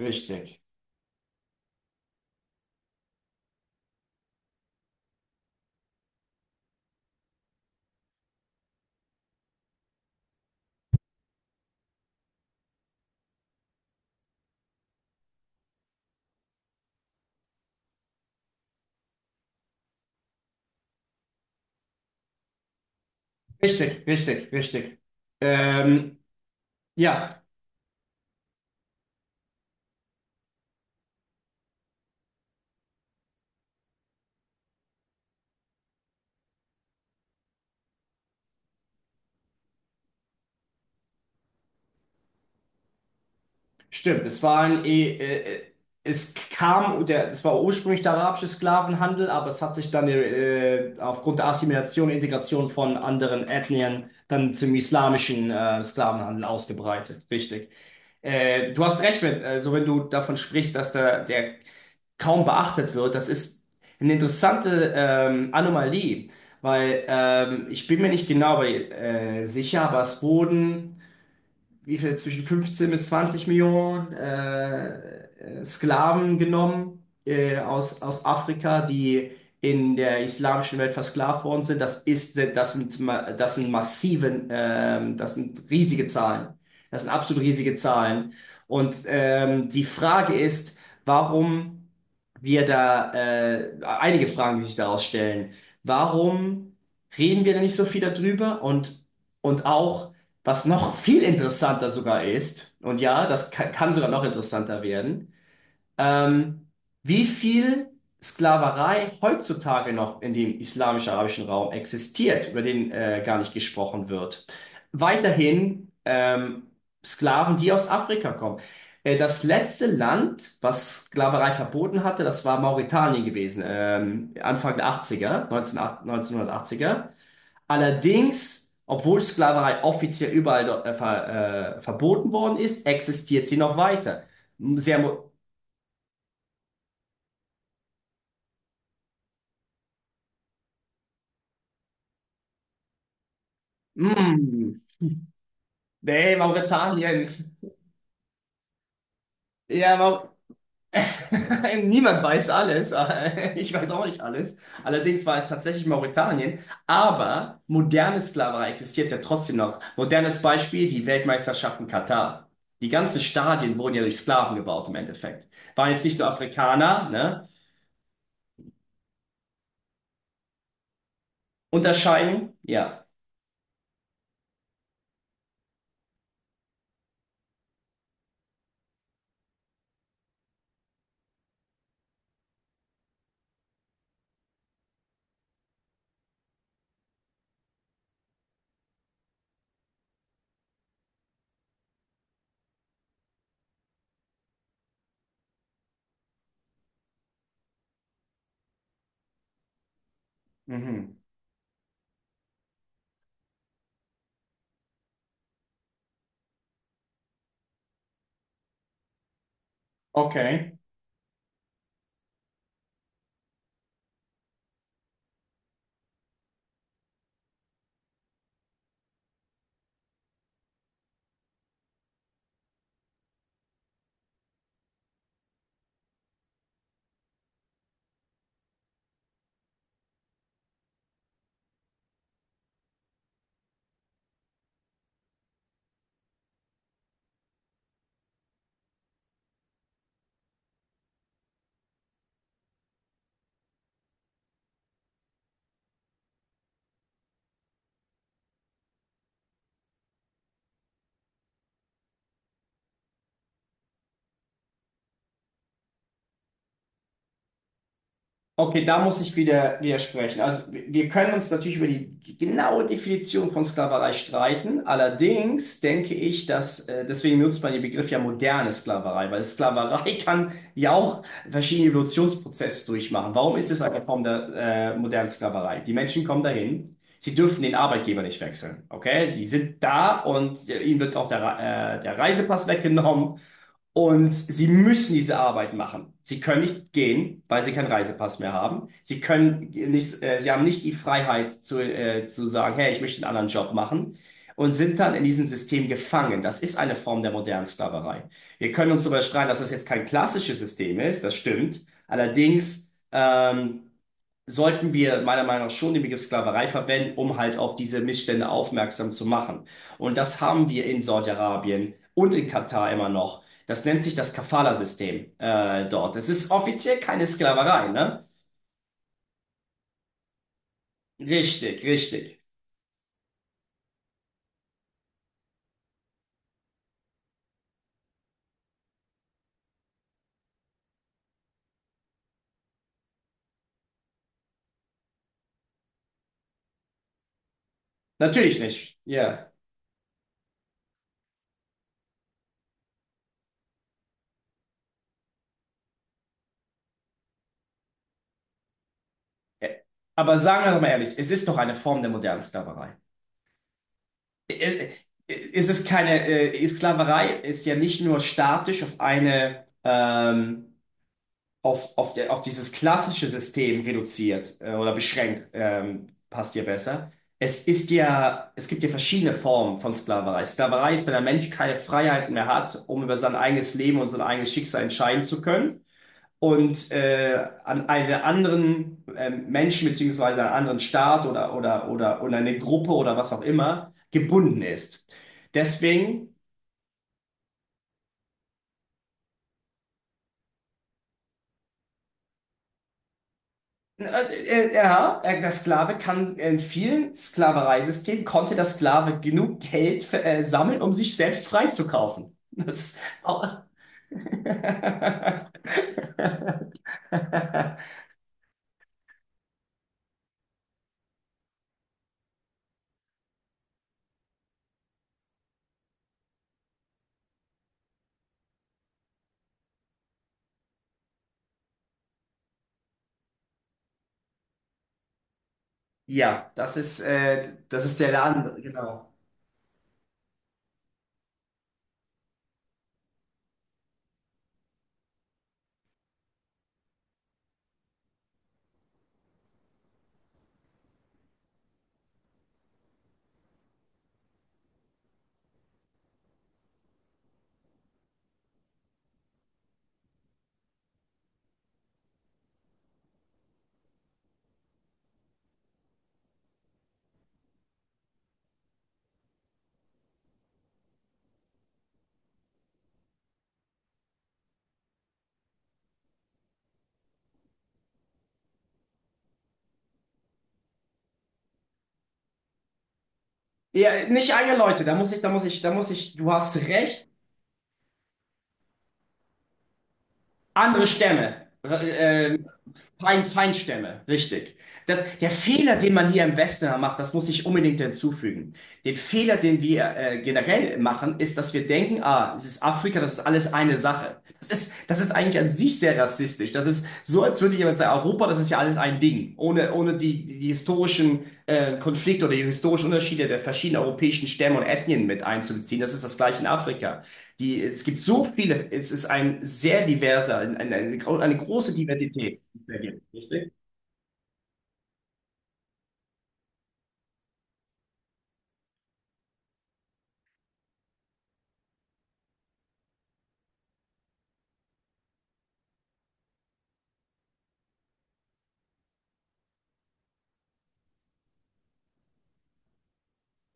Richtig, richtig. Ähm, ja, Stimmt, es war äh, es war ursprünglich der arabische Sklavenhandel, aber es hat sich dann aufgrund der Assimilation und Integration von anderen Ethnien dann zum islamischen Sklavenhandel ausgebreitet. Richtig. Du hast recht mit, also wenn du davon sprichst, dass der kaum beachtet wird, das ist eine interessante Anomalie, weil ich bin mir nicht genau sicher, aber es wurden wie viel, zwischen 15 bis 20 Millionen Sklaven genommen aus Afrika, die in der islamischen Welt versklavt worden sind. Das sind massiven, das sind riesige Zahlen. Das sind absolut riesige Zahlen. Und die Frage ist, warum einige Fragen, die sich daraus stellen. Warum reden wir da nicht so viel darüber? Und auch, was noch viel interessanter sogar ist, und ja, das kann sogar noch interessanter werden, ähm, wie viel Sklaverei heutzutage noch in dem islamisch-arabischen Raum existiert, über den gar nicht gesprochen wird. Weiterhin Sklaven, die aus Afrika kommen. Das letzte Land, was Sklaverei verboten hatte, das war Mauretanien gewesen, Anfang der Achtziger, er 1980. Allerdings, obwohl Sklaverei offiziell überall dort verboten worden ist, existiert sie noch weiter. Sehr mo Mm. Nee, Mauretanien. Ja, Mau Niemand weiß alles. Ich weiß auch nicht alles. Allerdings war es tatsächlich Mauretanien. Aber moderne Sklaverei existiert ja trotzdem noch. Modernes Beispiel, die Weltmeisterschaften Katar. Die ganzen Stadien wurden ja durch Sklaven gebaut im Endeffekt. Waren jetzt nicht nur Afrikaner, ne? Unterscheidung, ja. Mhm. Okay. Okay, da muss ich wieder widersprechen. Also wir können uns natürlich über die genaue Definition von Sklaverei streiten. Allerdings denke ich, dass, deswegen benutzt man den Begriff ja moderne Sklaverei, weil Sklaverei kann ja auch verschiedene Evolutionsprozesse durchmachen. Warum ist es eine Form der modernen Sklaverei? Die Menschen kommen dahin, sie dürfen den Arbeitgeber nicht wechseln. Okay, die sind da und ihnen wird auch der Reisepass weggenommen. Und sie müssen diese Arbeit machen. Sie können nicht gehen, weil sie keinen Reisepass mehr haben. Sie können nicht, sie haben nicht die Freiheit zu sagen, hey, ich möchte einen anderen Job machen und sind dann in diesem System gefangen. Das ist eine Form der modernen Sklaverei. Wir können uns darüber streiten, dass das jetzt kein klassisches System ist, das stimmt. Allerdings, sollten wir meiner Meinung nach schon den Begriff Sklaverei verwenden, um halt auf diese Missstände aufmerksam zu machen. Und das haben wir in Saudi-Arabien und in Katar immer noch. Das nennt sich das Kafala-System dort. Es ist offiziell keine Sklaverei, ne? Richtig, richtig. Natürlich nicht. Ja. Äh, Aber sagen wir doch mal ehrlich, es ist doch eine Form der modernen Sklaverei. Äh, äh, Es ist keine, Sklaverei ist ja nicht nur statisch auf eine, auf, der, auf dieses klassische System reduziert oder beschränkt, passt dir besser. Es gibt ja verschiedene Formen von Sklaverei. Sklaverei ist, wenn der Mensch keine Freiheiten mehr hat, um über sein eigenes Leben und sein eigenes Schicksal entscheiden zu können und an einen anderen Menschen beziehungsweise einen anderen Staat oder eine Gruppe oder was auch immer gebunden ist. Deswegen Äh, ja, der Sklave kann in vielen Sklavereisystemen konnte der Sklave genug Geld sammeln, um sich selbst freizukaufen. Das ist auch- Ja, das ist der andere, genau. Ja, nicht alle Leute, da muss ich, du hast recht. Andere Stämme, äh, Feind, Feindstämme, richtig. Das, der Fehler, den man hier im Westen macht, das muss ich unbedingt hinzufügen. Den Fehler, den wir generell machen, ist, dass wir denken, ah, es ist Afrika, das ist alles eine Sache. Das ist eigentlich an sich sehr rassistisch. Das ist so, als würde jemand sagen, Europa, das ist ja alles ein Ding, ohne, ohne die historischen Konflikte oder die historischen Unterschiede der verschiedenen europäischen Stämme und Ethnien mit einzubeziehen. Das ist das gleiche in Afrika. Die, es gibt so viele, es ist ein sehr diverser, eine große Diversität, die es richtig?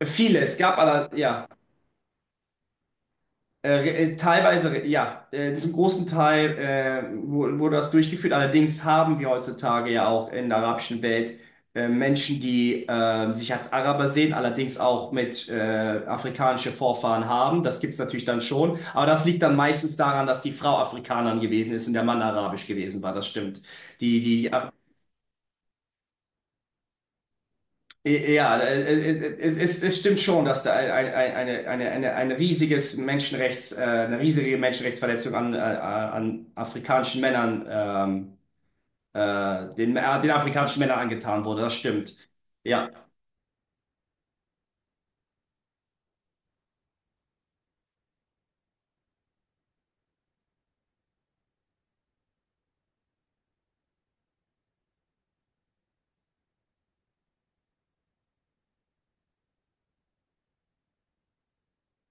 Viele, es gab aber, ja, äh, teilweise, ja, zum großen Teil wurde das durchgeführt. Allerdings haben wir heutzutage ja auch in der arabischen Welt Menschen, die sich als Araber sehen, allerdings auch mit afrikanische Vorfahren haben. Das gibt es natürlich dann schon. Aber das liegt dann meistens daran, dass die Frau Afrikanerin gewesen ist und der Mann arabisch gewesen war. Das stimmt. Die, die Ja, es stimmt schon, dass da ein riesiges eine riesige Menschenrechtsverletzung an afrikanischen Männern, den afrikanischen Männern angetan wurde. Das stimmt. Ja.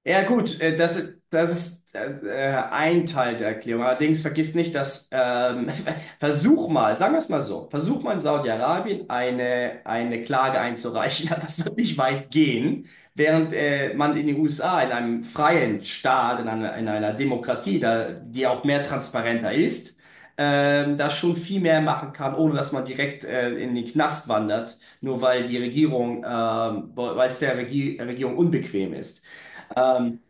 Ja, gut, das ist ein Teil der Erklärung. Allerdings vergiss nicht, dass versuch mal, sagen wir es mal so, versuch mal in Saudi-Arabien eine Klage einzureichen. Ja, das wird nicht weit gehen, während man in den USA, in einem freien Staat, in einer Demokratie, da, die auch mehr transparenter ist, da schon viel mehr machen kann, ohne dass man direkt in den Knast wandert, nur weil die Regierung, weil es der Regierung unbequem ist. Ähm,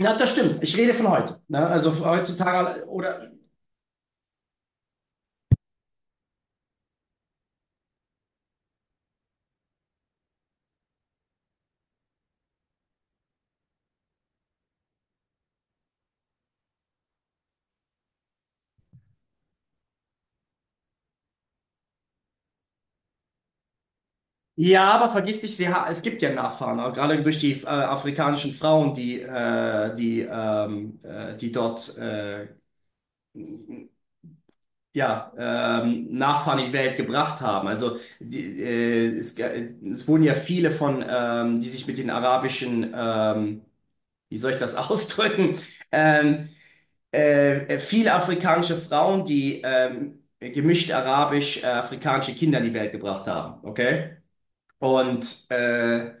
Ja, das stimmt. Ich rede von heute. Ne? Also heutzutage oder ja, aber vergiss nicht, sie ha es gibt ja Nachfahren, auch gerade durch die afrikanischen Frauen, die dort ja Nachfahren in die Welt gebracht haben. Also es wurden ja viele von die sich mit den arabischen wie soll ich das ausdrücken? Ähm, Viele afrikanische Frauen, die gemischt arabisch-afrikanische Kinder in die Welt gebracht haben. Okay? Und äh,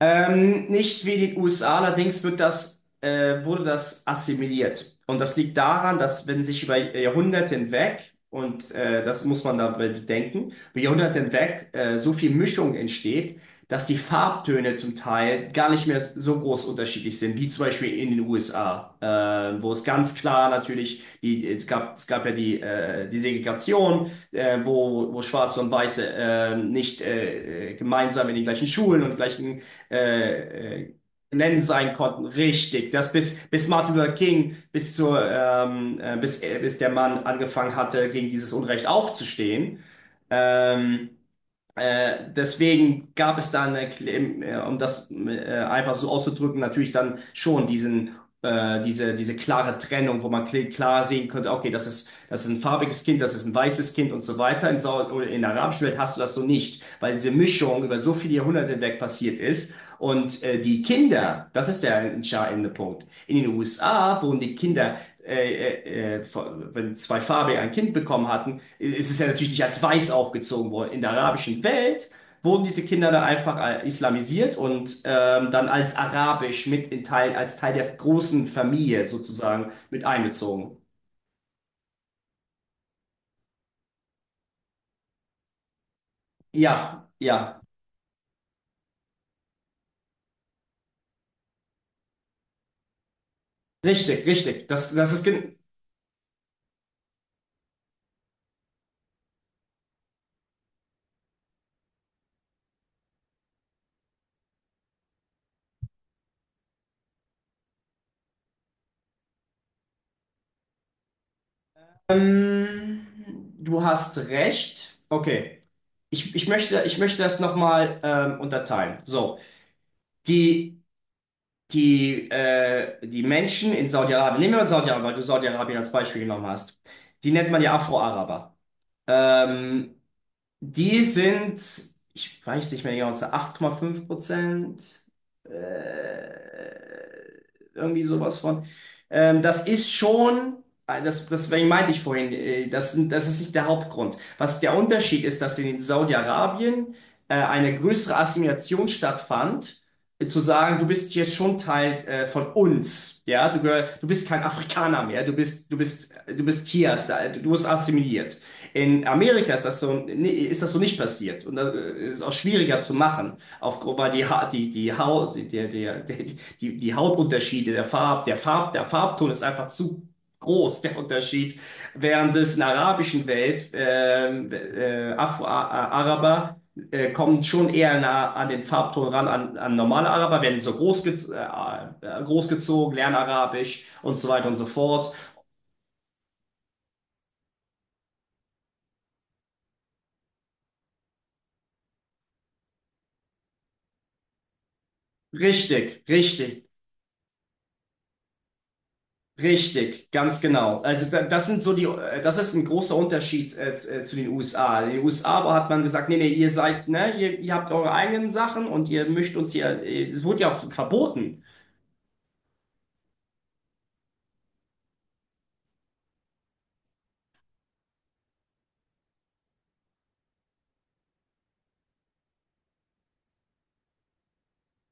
Ähm, nicht wie die USA, allerdings wird wurde das assimiliert. Und das liegt daran, dass wenn sich über Jahrhunderte hinweg, und das muss man dabei bedenken, über Jahrhunderte hinweg so viel Mischung entsteht, dass die Farbtöne zum Teil gar nicht mehr so groß unterschiedlich sind, wie zum Beispiel in den USA, wo es ganz klar natürlich, die, es gab ja die, die Segregation, wo Schwarze und Weiße nicht gemeinsam in den gleichen Schulen und gleichen äh, äh, nennen sein konnten. Richtig. Das bis Martin Luther King, bis der Mann angefangen hatte, gegen dieses Unrecht aufzustehen. Ähm, Deswegen gab es dann, um das einfach so auszudrücken, natürlich dann schon diese klare Trennung, wo man klar sehen konnte, okay, das ist ein farbiges Kind, das ist ein weißes Kind und so weiter. Oder in der arabischen Welt hast du das so nicht, weil diese Mischung über so viele Jahrhunderte hinweg passiert ist. Und die Kinder, das ist der entscheidende Punkt. In den USA wurden die Kinder, äh, wenn zwei Farbe ein Kind bekommen hatten, es ist ja natürlich nicht als weiß aufgezogen worden. In der arabischen Welt wurden diese Kinder dann einfach islamisiert und dann als arabisch als Teil der großen Familie sozusagen mit einbezogen. Ja, ja, richtig, richtig. Ähm, du hast recht. Okay. Ich möchte das nochmal unterteilen. So, die die, die Menschen in Saudi-Arabien, nehmen wir mal Saudi-Arabien, weil du Saudi-Arabien als Beispiel genommen hast, die nennt man ja Afro-Araber. Ähm, Die sind, ich weiß nicht mehr genau, es sind 8,5%, äh, irgendwie sowas von. Das ist schon, deswegen meinte ich vorhin, das ist nicht der Hauptgrund. Was der Unterschied ist, dass in Saudi-Arabien eine größere Assimilation stattfand, zu sagen, du bist jetzt schon Teil von uns, ja, du bist kein Afrikaner mehr, du bist hier, da, du wirst assimiliert. In Amerika ist das so, nee, ist das so nicht passiert. Und das ist auch schwieriger zu machen, weil die, ha die, die Haut, die, der, der, der, die, die Hautunterschiede, der Farbton ist einfach zu groß, der Unterschied. Während es in der arabischen Welt, Afro-Araber, kommen schon eher nah an den Farbton ran, an normale Araber, werden so großgezogen, lernen Arabisch und so weiter und so fort. Richtig, richtig. Richtig, ganz genau. Also das sind so die, das ist ein großer Unterschied zu den USA. In den USA aber hat man gesagt, nee, nee, ihr seid, ne, ihr habt eure eigenen Sachen und ihr mischt uns hier, es wurde ja auch verboten.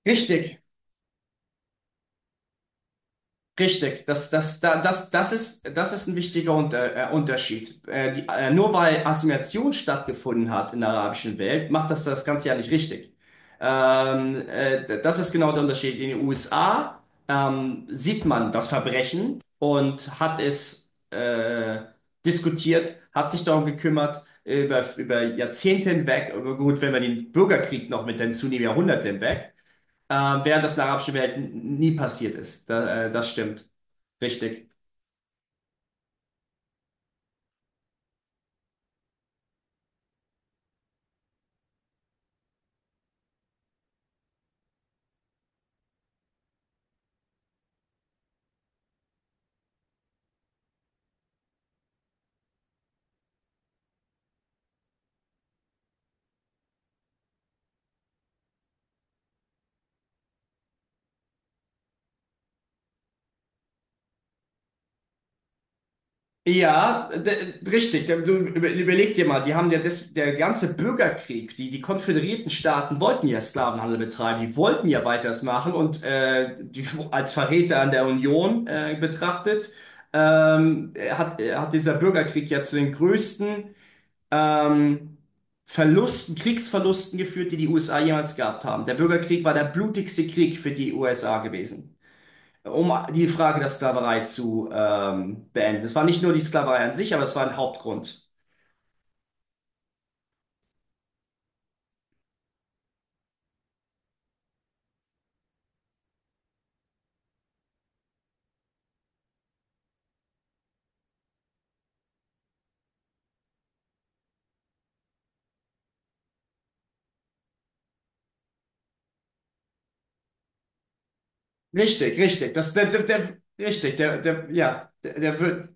Richtig. Richtig, das ist ein wichtiger Unterschied. Nur weil Assimilation stattgefunden hat in der arabischen Welt, macht das das Ganze ja nicht richtig. Das ist genau der Unterschied. In den USA sieht man das Verbrechen und hat es diskutiert, hat sich darum gekümmert, über Jahrzehnte hinweg, aber gut, wenn man den Bürgerkrieg noch mit hinzunehmen, Jahrhunderte hinweg äh, während das in der arabischen Welt nie passiert ist. Da, das stimmt. Richtig. Ja, richtig. Du überleg dir mal, die haben ja das, der ganze Bürgerkrieg, die konföderierten Staaten wollten ja Sklavenhandel betreiben, die wollten ja weiters machen und als Verräter an der Union betrachtet, hat dieser Bürgerkrieg ja zu den größten ähm, Kriegsverlusten geführt, die die USA jemals gehabt haben. Der Bürgerkrieg war der blutigste Krieg für die USA gewesen, um die Frage der Sklaverei zu beenden. Es war nicht nur die Sklaverei an sich, aber es war ein Hauptgrund. Richtig, richtig. Das, der, der, der, richtig, der, der, ja, der, der,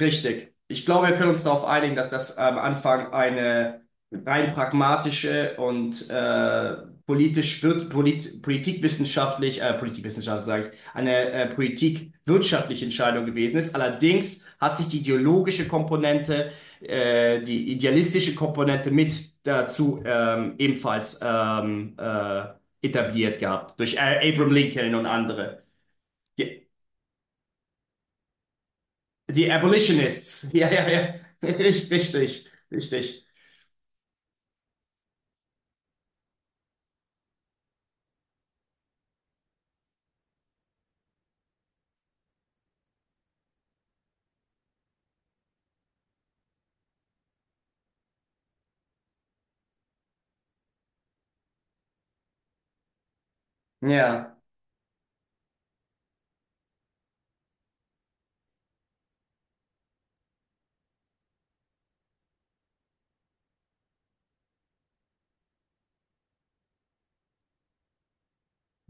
Richtig. Ich glaube, wir können uns darauf einigen, dass das am Anfang eine rein pragmatische und politikwissenschaftlich, eine politikwirtschaftliche Entscheidung gewesen ist. Allerdings hat sich die ideologische Komponente, die idealistische Komponente mit dazu ebenfalls etabliert gehabt durch Abraham Lincoln und andere. Die Die Abolitionists. Ja, ja, ja. Richtig, richtig, richtig. Ja,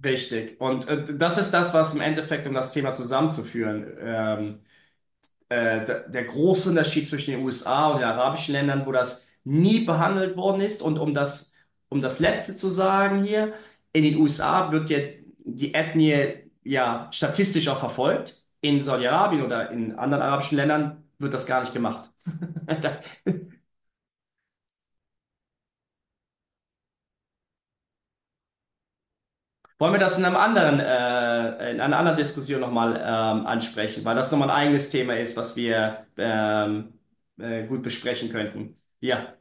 richtig. Und das ist das, was im Endeffekt, um das Thema zusammenzuführen, der große Unterschied zwischen den USA und den arabischen Ländern, wo das nie behandelt worden ist. Um das Letzte zu sagen hier, in den USA wird ja die Ethnie ja statistisch auch verfolgt. In Saudi-Arabien oder in anderen arabischen Ländern wird das gar nicht gemacht. Wollen wir das in einem anderen, in einer anderen Diskussion nochmal ansprechen, weil das nochmal ein eigenes Thema ist, was wir gut besprechen könnten. Ja.